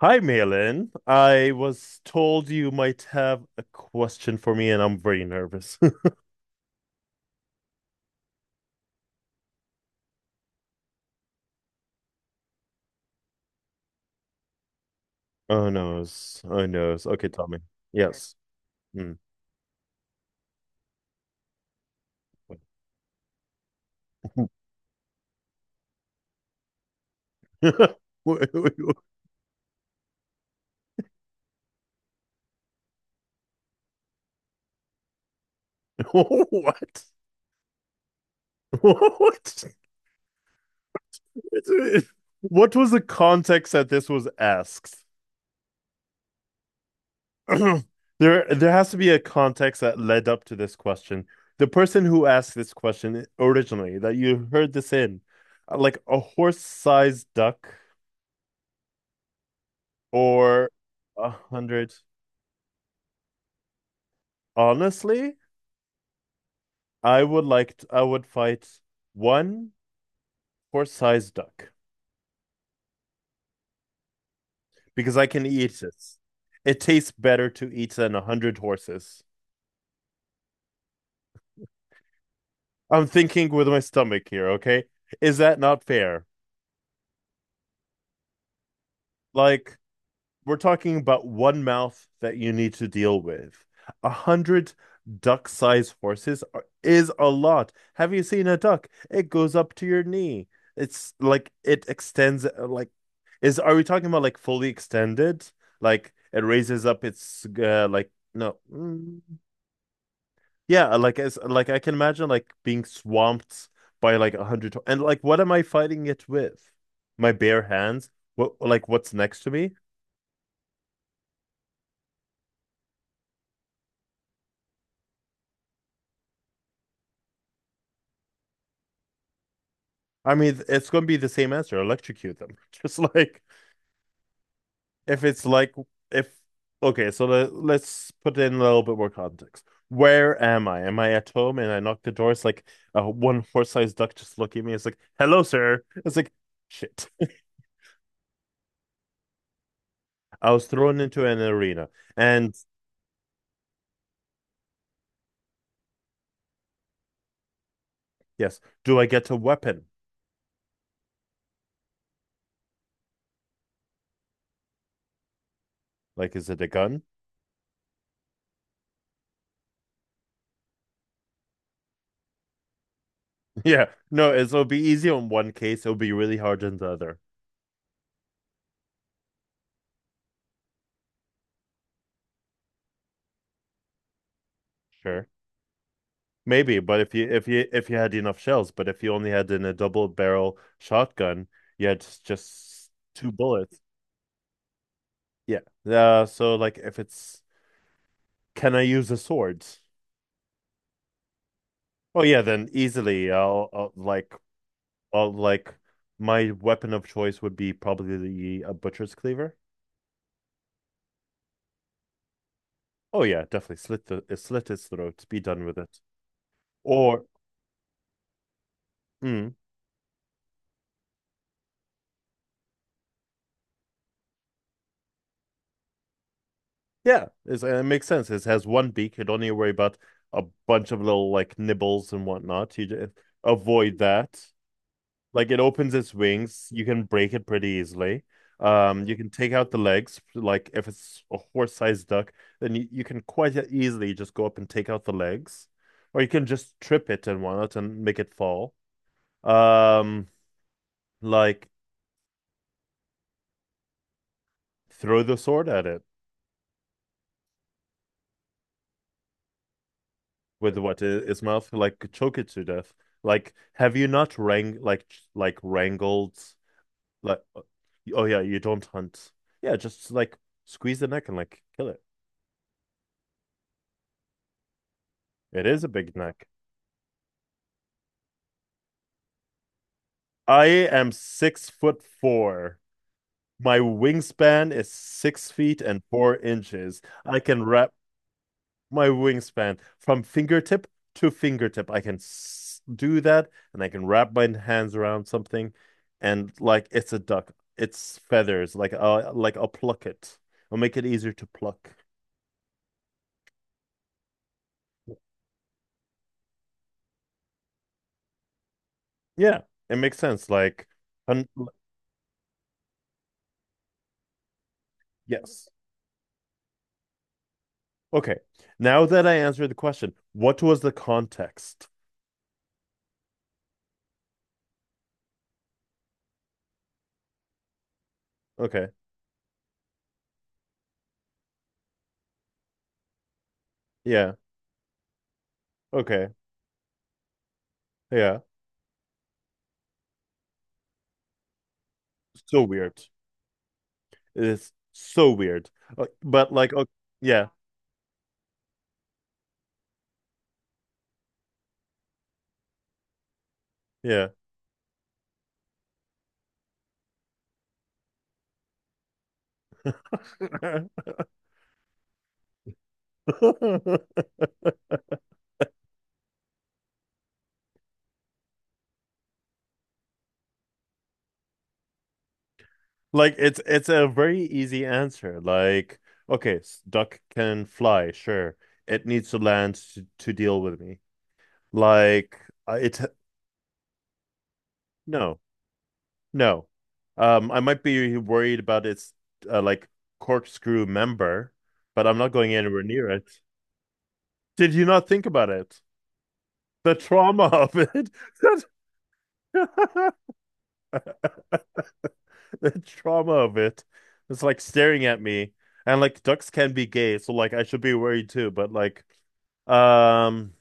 Hi, Malin. I was told you might have a question for me, and I'm very nervous. Oh no, oh no. Okay, tell me. Yes. Mm. Wait, wait, wait. What? What? It's- What was the context that this was asked? There has to be a context that led up to this question. The person who asked this question originally, that you heard this in, like a horse-sized duck or 100. Honestly, I would fight one horse-sized duck because I can eat it. It tastes better to eat than 100 horses. I'm thinking with my stomach here, okay? Is that not fair? Like we're talking about one mouth that you need to deal with. 100 duck-sized horses is a lot. Have you seen a duck? It goes up to your knee. It's like it extends. Like, is are we talking about like fully extended? Like it raises up its like no, yeah. Like it's like I can imagine like being swamped by like 100 and like what am I fighting it with? My bare hands? What's next to me? I mean, it's going to be the same answer. Electrocute them. Just like if it's like if okay, so let's put in a little bit more context. Where am I? Am I at home? And I knock the door. It's like, one horse-sized duck just looking at me. It's like, "Hello, sir." It's like, "Shit." I was thrown into an arena. And yes, do I get a weapon? Like, is it a gun? Yeah. No, it'll be easy on one case. It'll be really hard in the other. Sure. Maybe, but if you had enough shells, but if you only had in a double barrel shotgun, you had just two bullets. Yeah. So like, if it's can I use a sword? Oh yeah, then easily, I'll like my weapon of choice would be probably a butcher's cleaver. Oh yeah, definitely slit his throat, be done with it. Or mm, Yeah, it makes sense. It has one beak. You don't need to worry about a bunch of little like nibbles and whatnot. You just avoid that. Like it opens its wings. You can break it pretty easily. You can take out the legs. Like if it's a horse-sized duck, then you can quite easily just go up and take out the legs, or you can just trip it and whatnot and make it fall. Um, like throw the sword at it. With what, his mouth? Like, choke it to death. Like, have you not wrangled like? Oh yeah, you don't hunt. Yeah, just like squeeze the neck and like kill it. It is a big neck. I am 6 foot 4. My wingspan is 6 feet and 4 inches. I can wrap my wingspan from fingertip to fingertip. I can do that and I can wrap my hands around something, and like it's a duck. It's feathers. Like I'll pluck it. I'll make it easier to pluck. Yeah, it makes sense. Like un yes. Okay. Now that I answered the question, what was the context? Okay. Yeah. Okay. Yeah. So weird. It is so weird. But like, okay, yeah. Yeah. Like, it's a very easy answer. Like, okay, duck can fly, sure. It needs to land to deal with me. Like, it no, no. I might be worried about its like corkscrew member, but I'm not going anywhere near it. Did you not think about it? The trauma of it. The trauma of it. It's like staring at me. And like ducks can be gay, so like I should be worried too, but like, um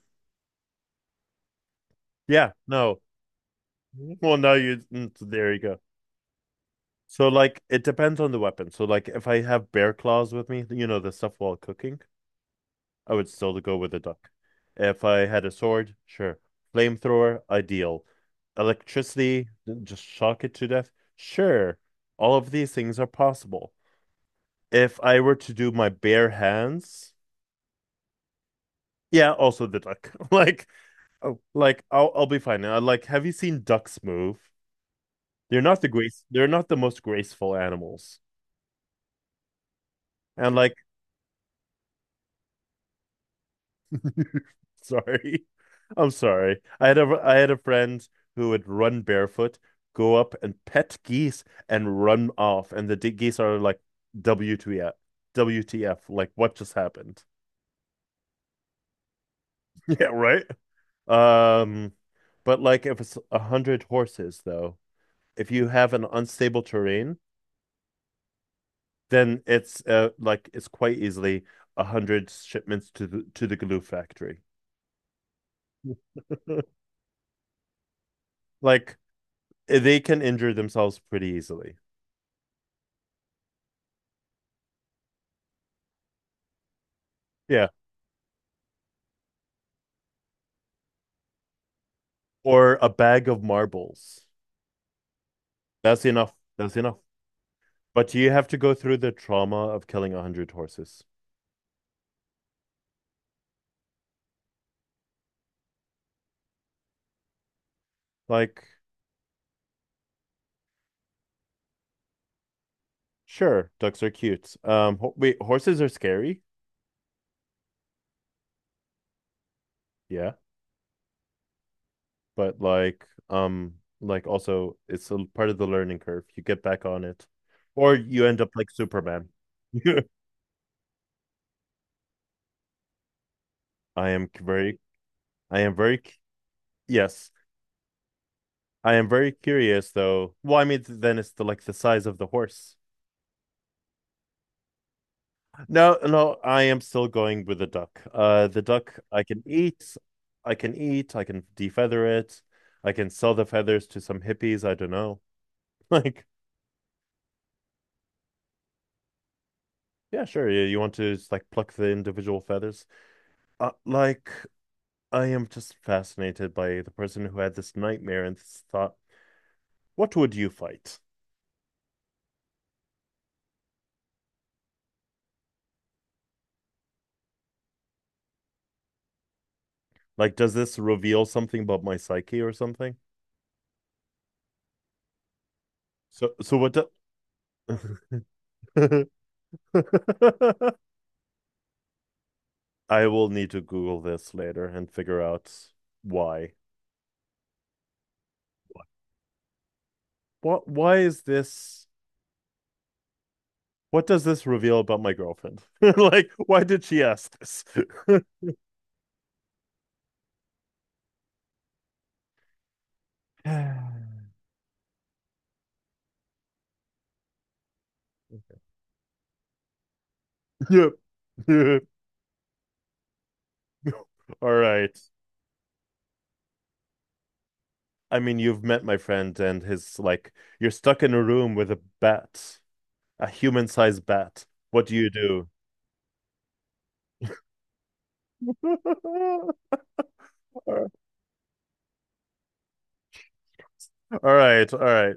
Yeah, no. Well, now you, so there you go. So like it depends on the weapon. So like if I have bear claws with me, the stuff while cooking, I would still go with a duck. If I had a sword, sure. Flamethrower, ideal. Electricity, just shock it to death. Sure. All of these things are possible. If I were to do my bare hands, yeah, also the duck. Like, oh, like I'll be fine. I like have you seen ducks move? They're not the grace. They're not the most graceful animals. And like, sorry, I'm sorry. I had a friend who would run barefoot, go up and pet geese and run off, and the geese are like, WTF, WTF? Like, what just happened? Yeah, right. Um, but like, if it's 100 horses though, if you have an unstable terrain, then it's quite easily 100 shipments to the glue factory. Like, they can injure themselves pretty easily. Yeah. Or a bag of marbles. That's enough. That's enough. But you have to go through the trauma of killing 100 horses. Like, sure, ducks are cute. Wait, horses are scary. Yeah, but like also, it's a part of the learning curve. You get back on it, or you end up like Superman. I am very, I am very, yes. I am very curious though. Well, I mean, then it's the size of the horse. No, no, I am still going with the duck. The duck I can eat, I can defeather it, I can sell the feathers to some hippies. I don't know. Like, yeah, sure. You want to just like pluck the individual feathers? Like, I am just fascinated by the person who had this nightmare and this thought. What would you fight? Like, does this reveal something about my psyche or something? So what? Do- I will need to Google this later and figure out why. What? Why is this? What does this reveal about my girlfriend? Like, why did she ask this? Yep. Yep. All right. I mean, you've met my friend and his, like, you're stuck in a room with a bat, a human-sized bat. What do you do? All right, all right.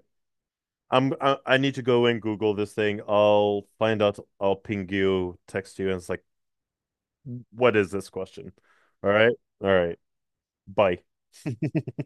I need to go and Google this thing. I'll find out. I'll ping you, text you, and it's like, what is this question? All right, all right. Bye.